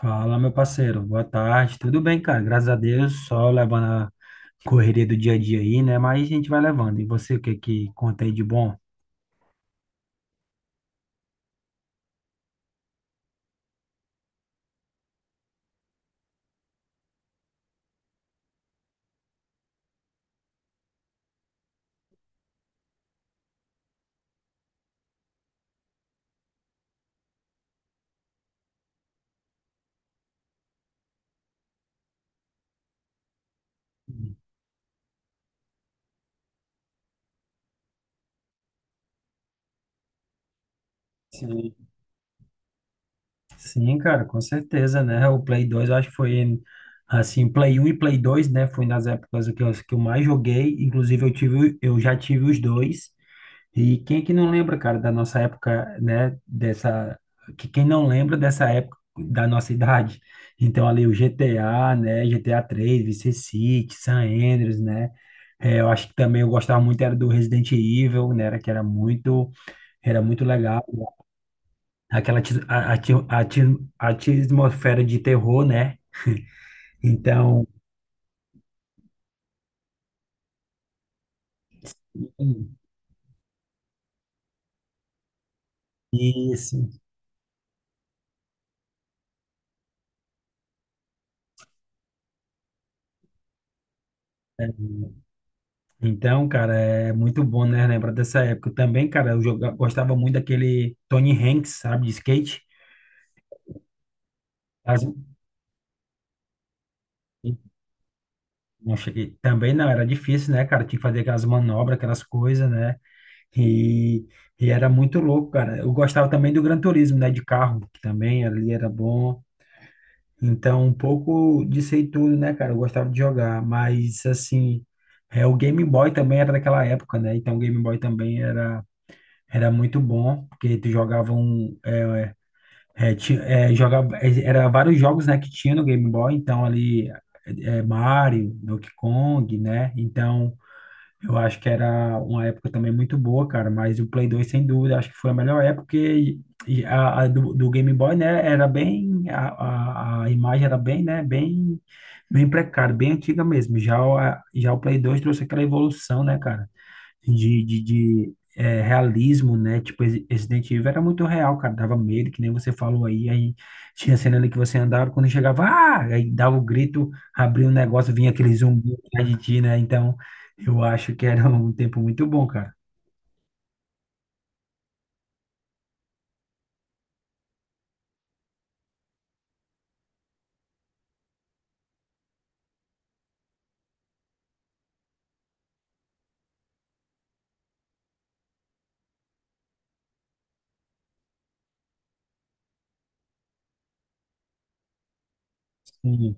Fala, meu parceiro. Boa tarde. Tudo bem, cara? Graças a Deus, só levando a correria do dia a dia aí, né? Mas a gente vai levando. E você, o que que conta aí de bom? Sim. Sim, cara, com certeza, né? O Play 2 eu acho que foi assim, Play um e Play 2 né? Foi nas épocas que eu mais joguei. Inclusive, eu tive, eu já tive os dois. E quem é que não lembra, cara, da nossa época, né? Dessa. Que quem não lembra dessa época da nossa idade? Então, ali o GTA, né? GTA 3, Vice City, San Andreas, né? É, eu acho que também eu gostava muito era do Resident Evil, né? Era muito legal. Aquela ati- a- ati- ati- Atmosfera de terror, né? Então, isso. Então, cara, é muito bom, né? Lembrar dessa época. Também, cara, gostava muito daquele Tony Hanks, sabe, de skate. As- Também não, era difícil, né, cara? Tinha que fazer aquelas manobras, aquelas coisas, né? E, e era muito louco, cara. Eu gostava também do Gran Turismo, né? De carro, que também ali era bom. Então, um pouco disso aí tudo, né, cara? Eu gostava de jogar, mas assim, é, o Game Boy também era daquela época, né? Então, o Game Boy também era. Era muito bom, porque tu jogava um. Jogava, é, era vários jogos, né, que tinha no Game Boy, então ali Mario, Donkey Kong, né? Então, eu acho que era uma época também muito boa, cara, mas o Play 2, sem dúvida, acho que foi a melhor época porque e a do Game Boy, né, era bem, a imagem era bem, né, bem, bem precária, bem antiga mesmo. Já, já o Play 2 trouxe aquela evolução, né, cara? De realismo, né? Tipo, Resident Evil era muito real, cara. Dava medo, que nem você falou aí. Aí tinha cena ali que você andava, quando chegava, ah! Aí dava o grito, abria um negócio, vinha aquele zumbi atrás de ti, né? Então, eu acho que era um tempo muito bom, cara. Sim,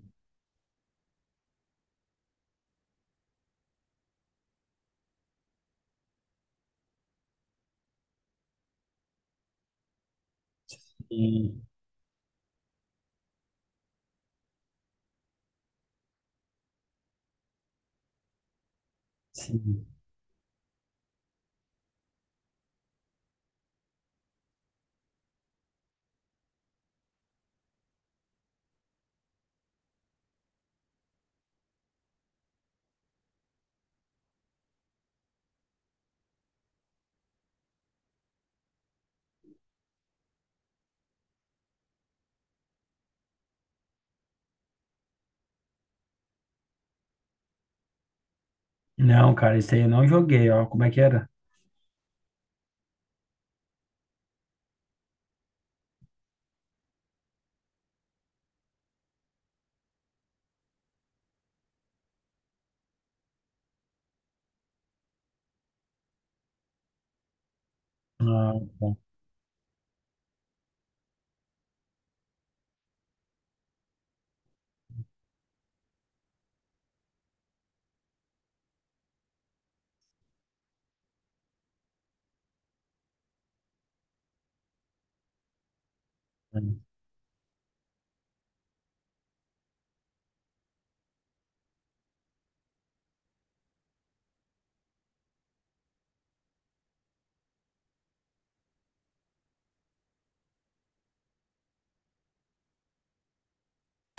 sim, sim. Não, cara, esse aí eu não joguei, ó. Como é que era? Ah, bom.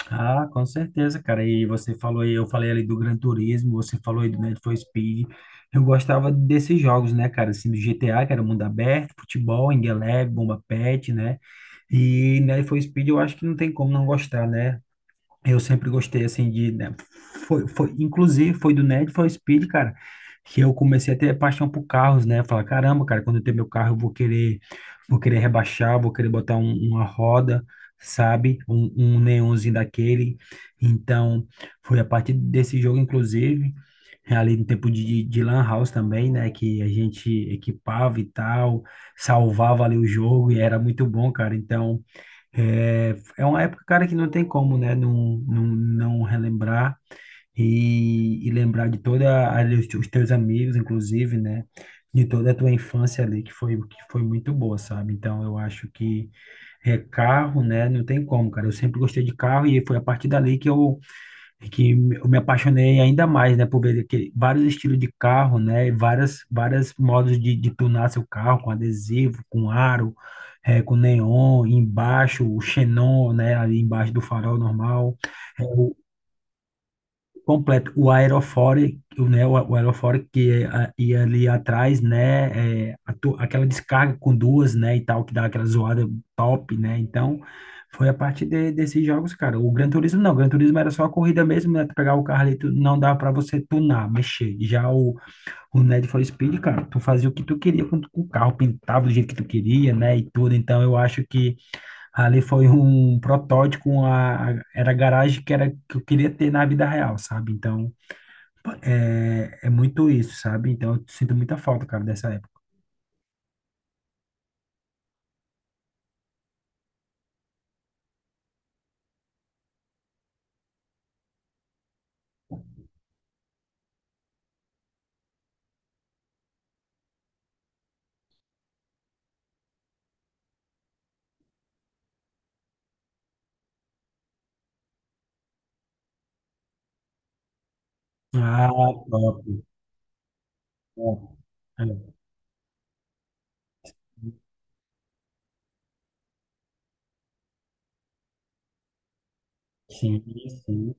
Ah, com certeza, cara. E você falou, aí, eu falei ali do Gran Turismo, você falou aí do Need for Speed. Eu gostava desses jogos, né, cara? Assim, do GTA, que era mundo aberto, futebol, Engelev, Bomba Pet, né? E Need for Speed eu acho que não tem como não gostar, né? Eu sempre gostei, assim, de... né, inclusive, foi do Need for Speed, cara, que eu comecei a ter paixão por carros, né? Falar, caramba, cara, quando eu ter meu carro, eu vou querer rebaixar, vou querer botar uma roda, sabe? Um neonzinho daquele. Então, foi a partir desse jogo, inclusive, ali no tempo de Lan House também, né? Que a gente equipava e tal, salvava ali o jogo e era muito bom, cara. Então... É, é uma época, cara, que não tem como, né, não relembrar e lembrar de toda ali os teus amigos, inclusive, né, de toda a tua infância ali, que foi muito boa, sabe? Então, eu acho que é carro, né, não tem como, cara. Eu sempre gostei de carro e foi a partir dali que eu é que eu me apaixonei ainda mais, né, por ver aquele, vários estilos de carro, né, e várias, várias modos de tunar seu carro, com adesivo, com aro, com neon, embaixo, o xenon, né, ali embaixo do farol normal, completo. O aerofólio, né, o aerofólio ia ali atrás, né, é, aquela descarga com duas, né, e tal, que dá aquela zoada top, né, então foi a partir desses jogos, cara. O Gran Turismo não, o Gran Turismo era só a corrida mesmo, né, tu pegar o carro ali, tu, não dava pra você tunar, mexer. Já o Need for Speed, cara, tu fazia o que tu queria com o carro, pintava do jeito que tu queria, né, e tudo, então eu acho que ali foi um protótipo, era a garagem que, era, que eu queria ter na vida real, sabe, então... É, é muito isso, sabe? Então eu sinto muita falta, cara, dessa época. Ah, top. Top. É, sim, sim.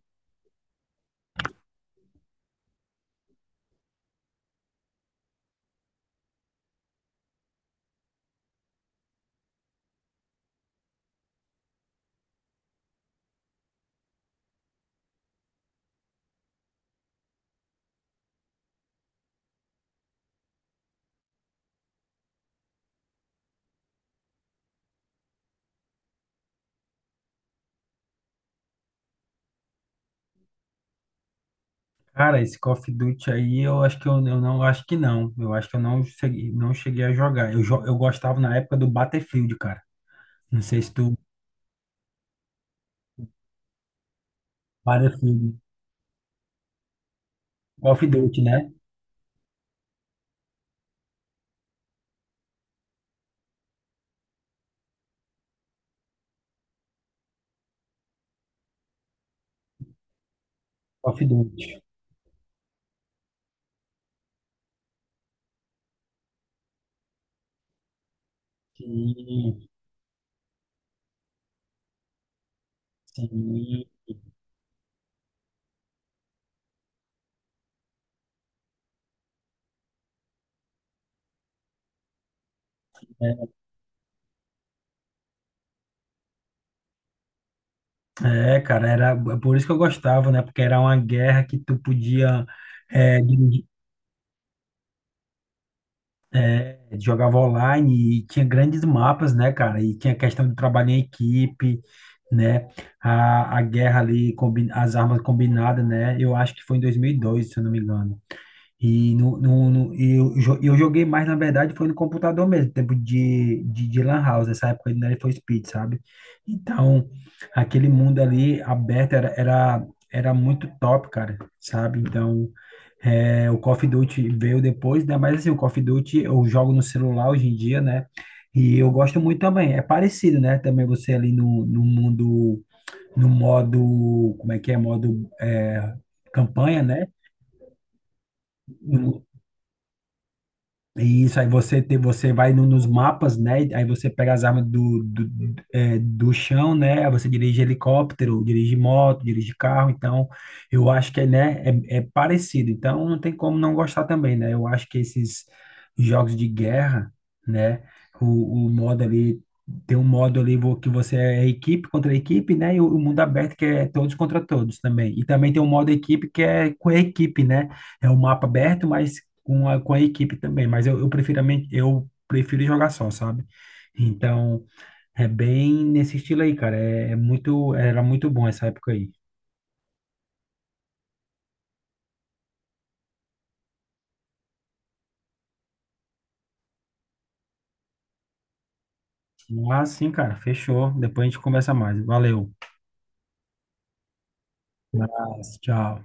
Cara, esse Call of Duty aí, eu acho que não. Eu acho que eu não cheguei, não cheguei a jogar. Eu gostava na época do Battlefield, cara. Não sei se tu. Battlefield. Call of Duty, né? Call of Duty. Sim, sim. É, cara, era é por isso que eu gostava, né? Porque era uma guerra que tu podia. É, dirigir. É, jogava online e tinha grandes mapas, né, cara? E tinha questão de trabalho em equipe, né? A guerra ali, as armas combinadas, né? Eu acho que foi em 2002, se eu não me engano. Eu joguei mais, na verdade, foi no computador mesmo, tempo de Lan House, essa época ainda era foi Speed, sabe? Então, aquele mundo ali aberto era muito top, cara, sabe? Então, é, o Call of Duty veio depois, né? Mas assim, o Call of Duty eu jogo no celular hoje em dia, né? E eu gosto muito também, é parecido, né? Também você ali no mundo, no modo, como é que é? Modo é, campanha, né? E isso, aí você tem, você vai nos mapas, né? Aí você pega as armas é, do chão, né? Aí você dirige helicóptero, dirige moto, dirige carro. Então, eu acho que, é, né, é, é parecido. Então, não tem como não gostar também, né? Eu acho que esses jogos de guerra, né? O modo ali, tem um modo ali que você é equipe contra equipe, né? E o mundo aberto que é todos contra todos também. E também tem um modo equipe que é com a equipe, né? É um mapa aberto, mas com a equipe também, mas eu prefiro jogar só, sabe? Então, é bem nesse estilo aí, cara. É, é muito, era muito bom essa época aí. Mas sim, cara, fechou. Depois a gente conversa mais. Valeu. Abraço, tchau.